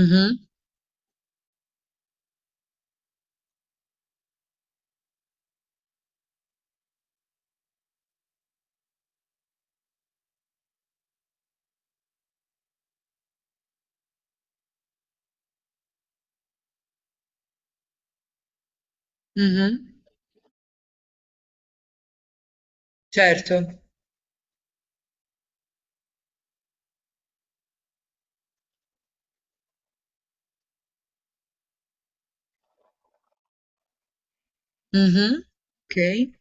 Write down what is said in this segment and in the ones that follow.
Mh-mh, mh-mh. Certo. Mh-mh. Okay.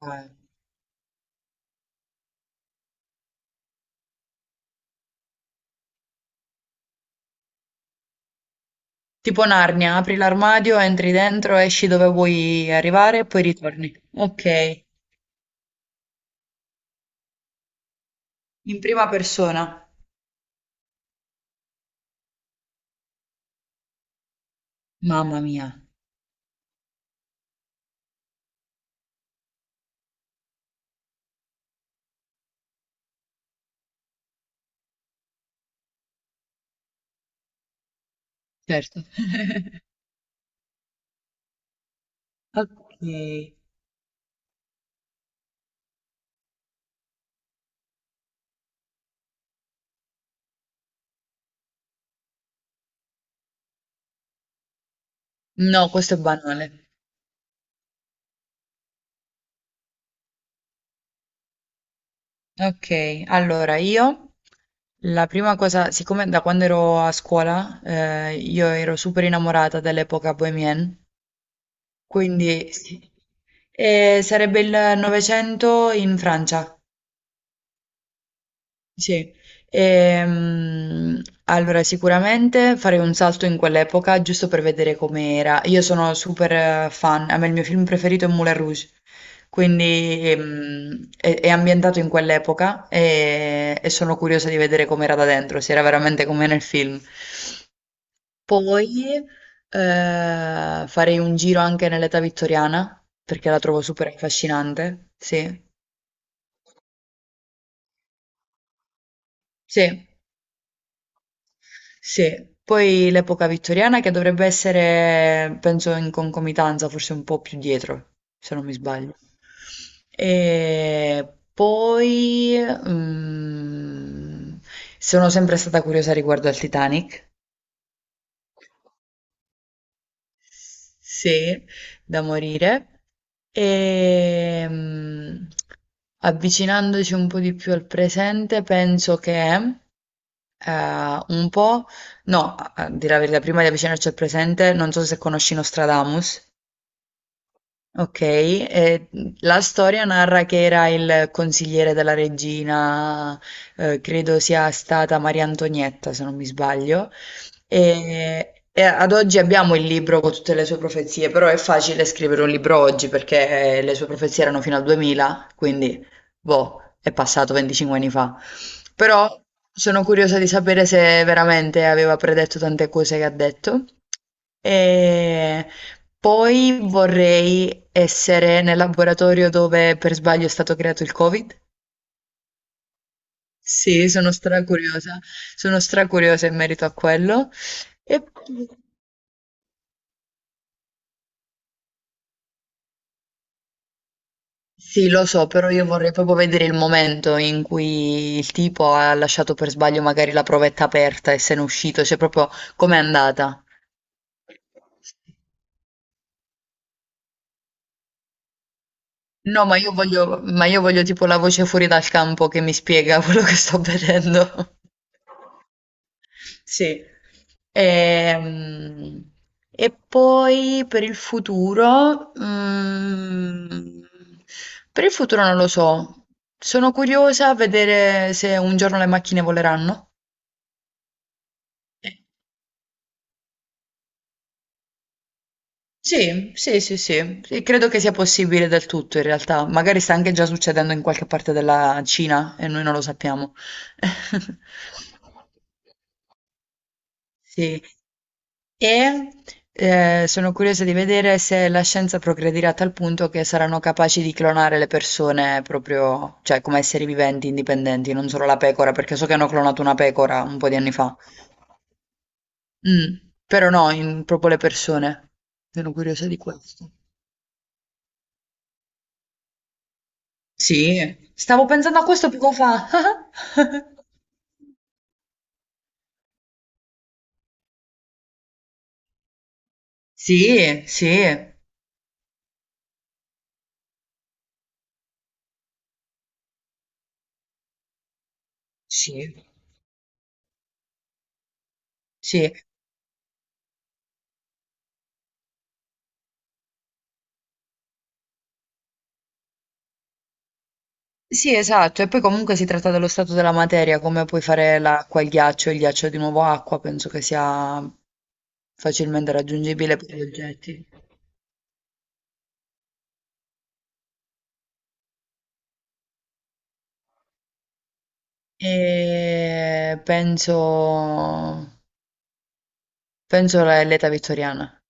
Ah. Tipo Narnia, apri l'armadio, entri dentro, esci dove vuoi arrivare e poi ritorni. Okay, in prima persona. Mamma mia, certo. Okay. No, questo è banale. Okay, allora io la prima cosa siccome da quando ero a scuola, io ero super innamorata dell'epoca bohemienne, quindi sì. Sarebbe il Novecento in Francia. Sì. Ehm, allora sicuramente farei un salto in quell'epoca giusto per vedere com'era. Io sono super fan, a me il mio film preferito è Moulin Rouge, quindi è ambientato in quell'epoca e sono curiosa di vedere com'era da dentro, se era veramente come nel film. Poi farei un giro anche nell'età vittoriana perché la trovo super affascinante. Sì, sì. Sì, poi l'epoca vittoriana che dovrebbe essere, penso, in concomitanza, forse un po' più dietro, se non mi sbaglio. E poi mm, sono sempre stata curiosa riguardo al Titanic. Sì, da morire. E avvicinandoci un po' di più al presente, penso che un po', no, a dire la verità, prima di avvicinarci al presente, non so se conosci Nostradamus. Okay, e, la storia narra che era il consigliere della regina, credo sia stata Maria Antonietta, se non mi sbaglio, ehm, e ad oggi abbiamo il libro con tutte le sue profezie, però è facile scrivere un libro oggi perché le sue profezie erano fino al 2000, quindi boh, è passato 25 anni fa. Però sono curiosa di sapere se veramente aveva predetto tante cose che ha detto. E poi vorrei essere nel laboratorio dove per sbaglio è stato creato il Covid. Sì, sono stracuriosa. Sono stracuriosa in merito a quello. E sì, lo so, però io vorrei proprio vedere il momento in cui il tipo ha lasciato per sbaglio magari la provetta aperta e se n'è uscito, cioè proprio com'è andata. No, ma io voglio tipo la voce fuori dal campo che mi spiega quello che sto vedendo. Sì. Ehm, poi per il futuro, per il futuro non lo so. Sono curiosa a vedere se un giorno le macchine voleranno. Eh, Sì, sì, sì, sì. E credo che sia possibile del tutto in realtà. Magari sta anche già succedendo in qualche parte della Cina e noi non lo sappiamo. Sì. E sono curiosa di vedere se la scienza progredirà a tal punto che saranno capaci di clonare le persone proprio, cioè come esseri viventi indipendenti, non solo la pecora, perché so che hanno clonato una pecora un po' di anni fa. Mm. Però no, in- proprio le persone. Sono curiosa di questo. Sì, stavo pensando a questo poco fa. Sì, sì, sì, sì. Sì, esatto, e poi comunque si tratta dello stato della materia, come puoi fare l'acqua, il ghiaccio di nuovo acqua, penso che sia facilmente raggiungibile per gli oggetti. E penso l'età vittoriana,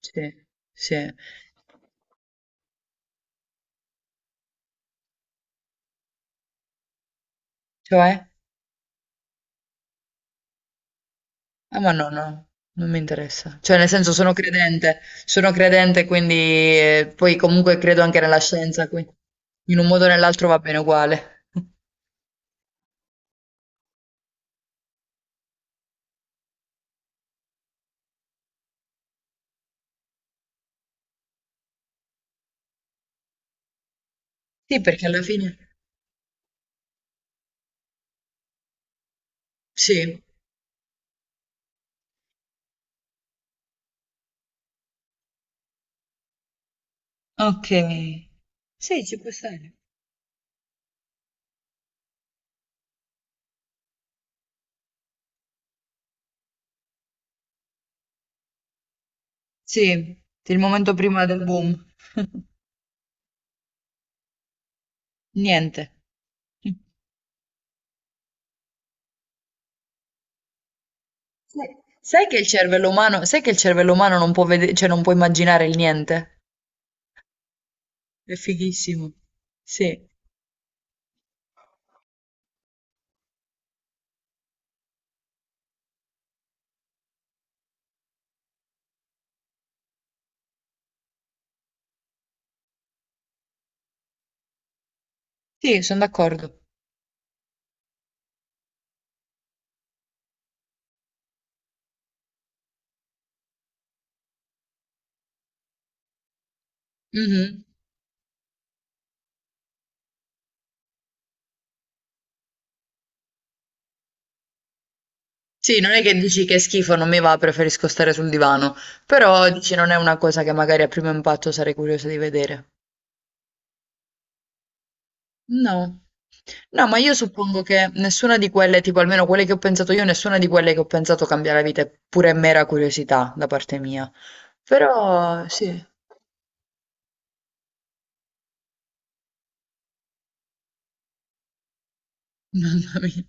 sì, sì. Cioè? Ah, ma no, no, non mi interessa. Cioè, nel senso, sono credente, quindi poi comunque credo anche nella scienza, quindi in un modo o nell'altro va bene uguale. Sì, perché alla fine, sì. Okay. Sì, ci può stare. Sì, il momento prima del boom. Niente. Sì. Sai che il cervello umano non può vede cioè non può immaginare il niente? È fighissimo. Sì. Sì, son d'accordo. Mh-mh. Sì, non è che dici: "Che è schifo, non mi va, preferisco stare sul divano", però dici: "Non è una cosa che magari a primo impatto sarei curiosa di vedere". No. No, ma io suppongo che nessuna di quelle, tipo almeno quelle che ho pensato io, nessuna di quelle che ho pensato cambia la vita, è pure mera curiosità da parte mia. Però sì, mamma mia,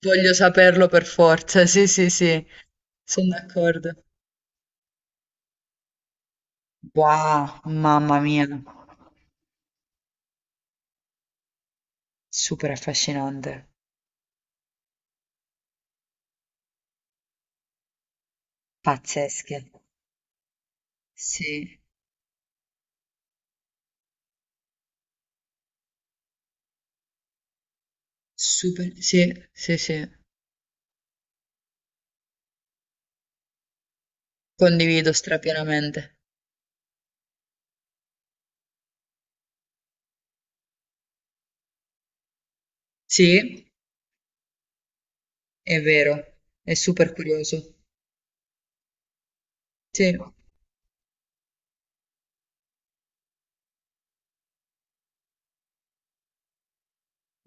voglio saperlo per forza, sì, sì, sì, sono d'accordo. Wow, mamma mia, super affascinante, pazzesche. Sì, super, sì, sì, sì, condivido strapienamente. Sì, è vero, è super curioso. Sì.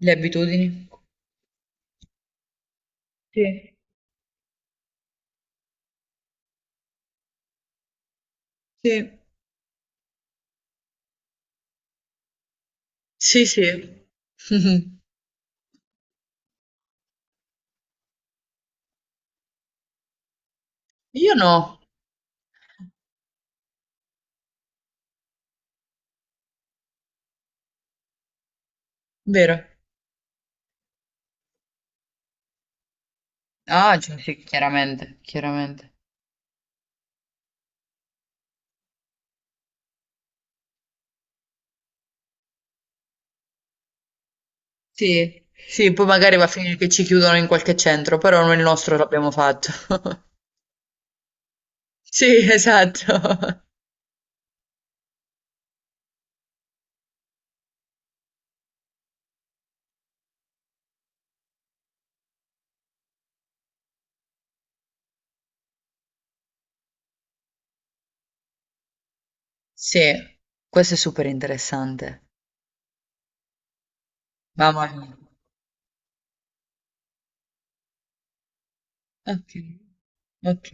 Le abitudini? Sì, sì, sì, sì. Io no, vero? Ah, cioè, sì, chiaramente, chiaramente. Sì, sì, poi magari va a finire che ci chiudono in qualche centro, però noi il nostro l'abbiamo fatto. Sì, esatto. Sì, questo è super interessante. Mamma mia. Ok, ok.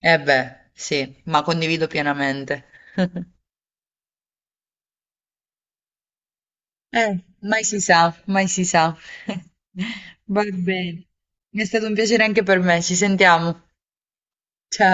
Eh beh, sì, ma condivido pienamente. Eh, mai si sa, mai si sa. Va bene. È stato un piacere anche per me, ci sentiamo. Ciao.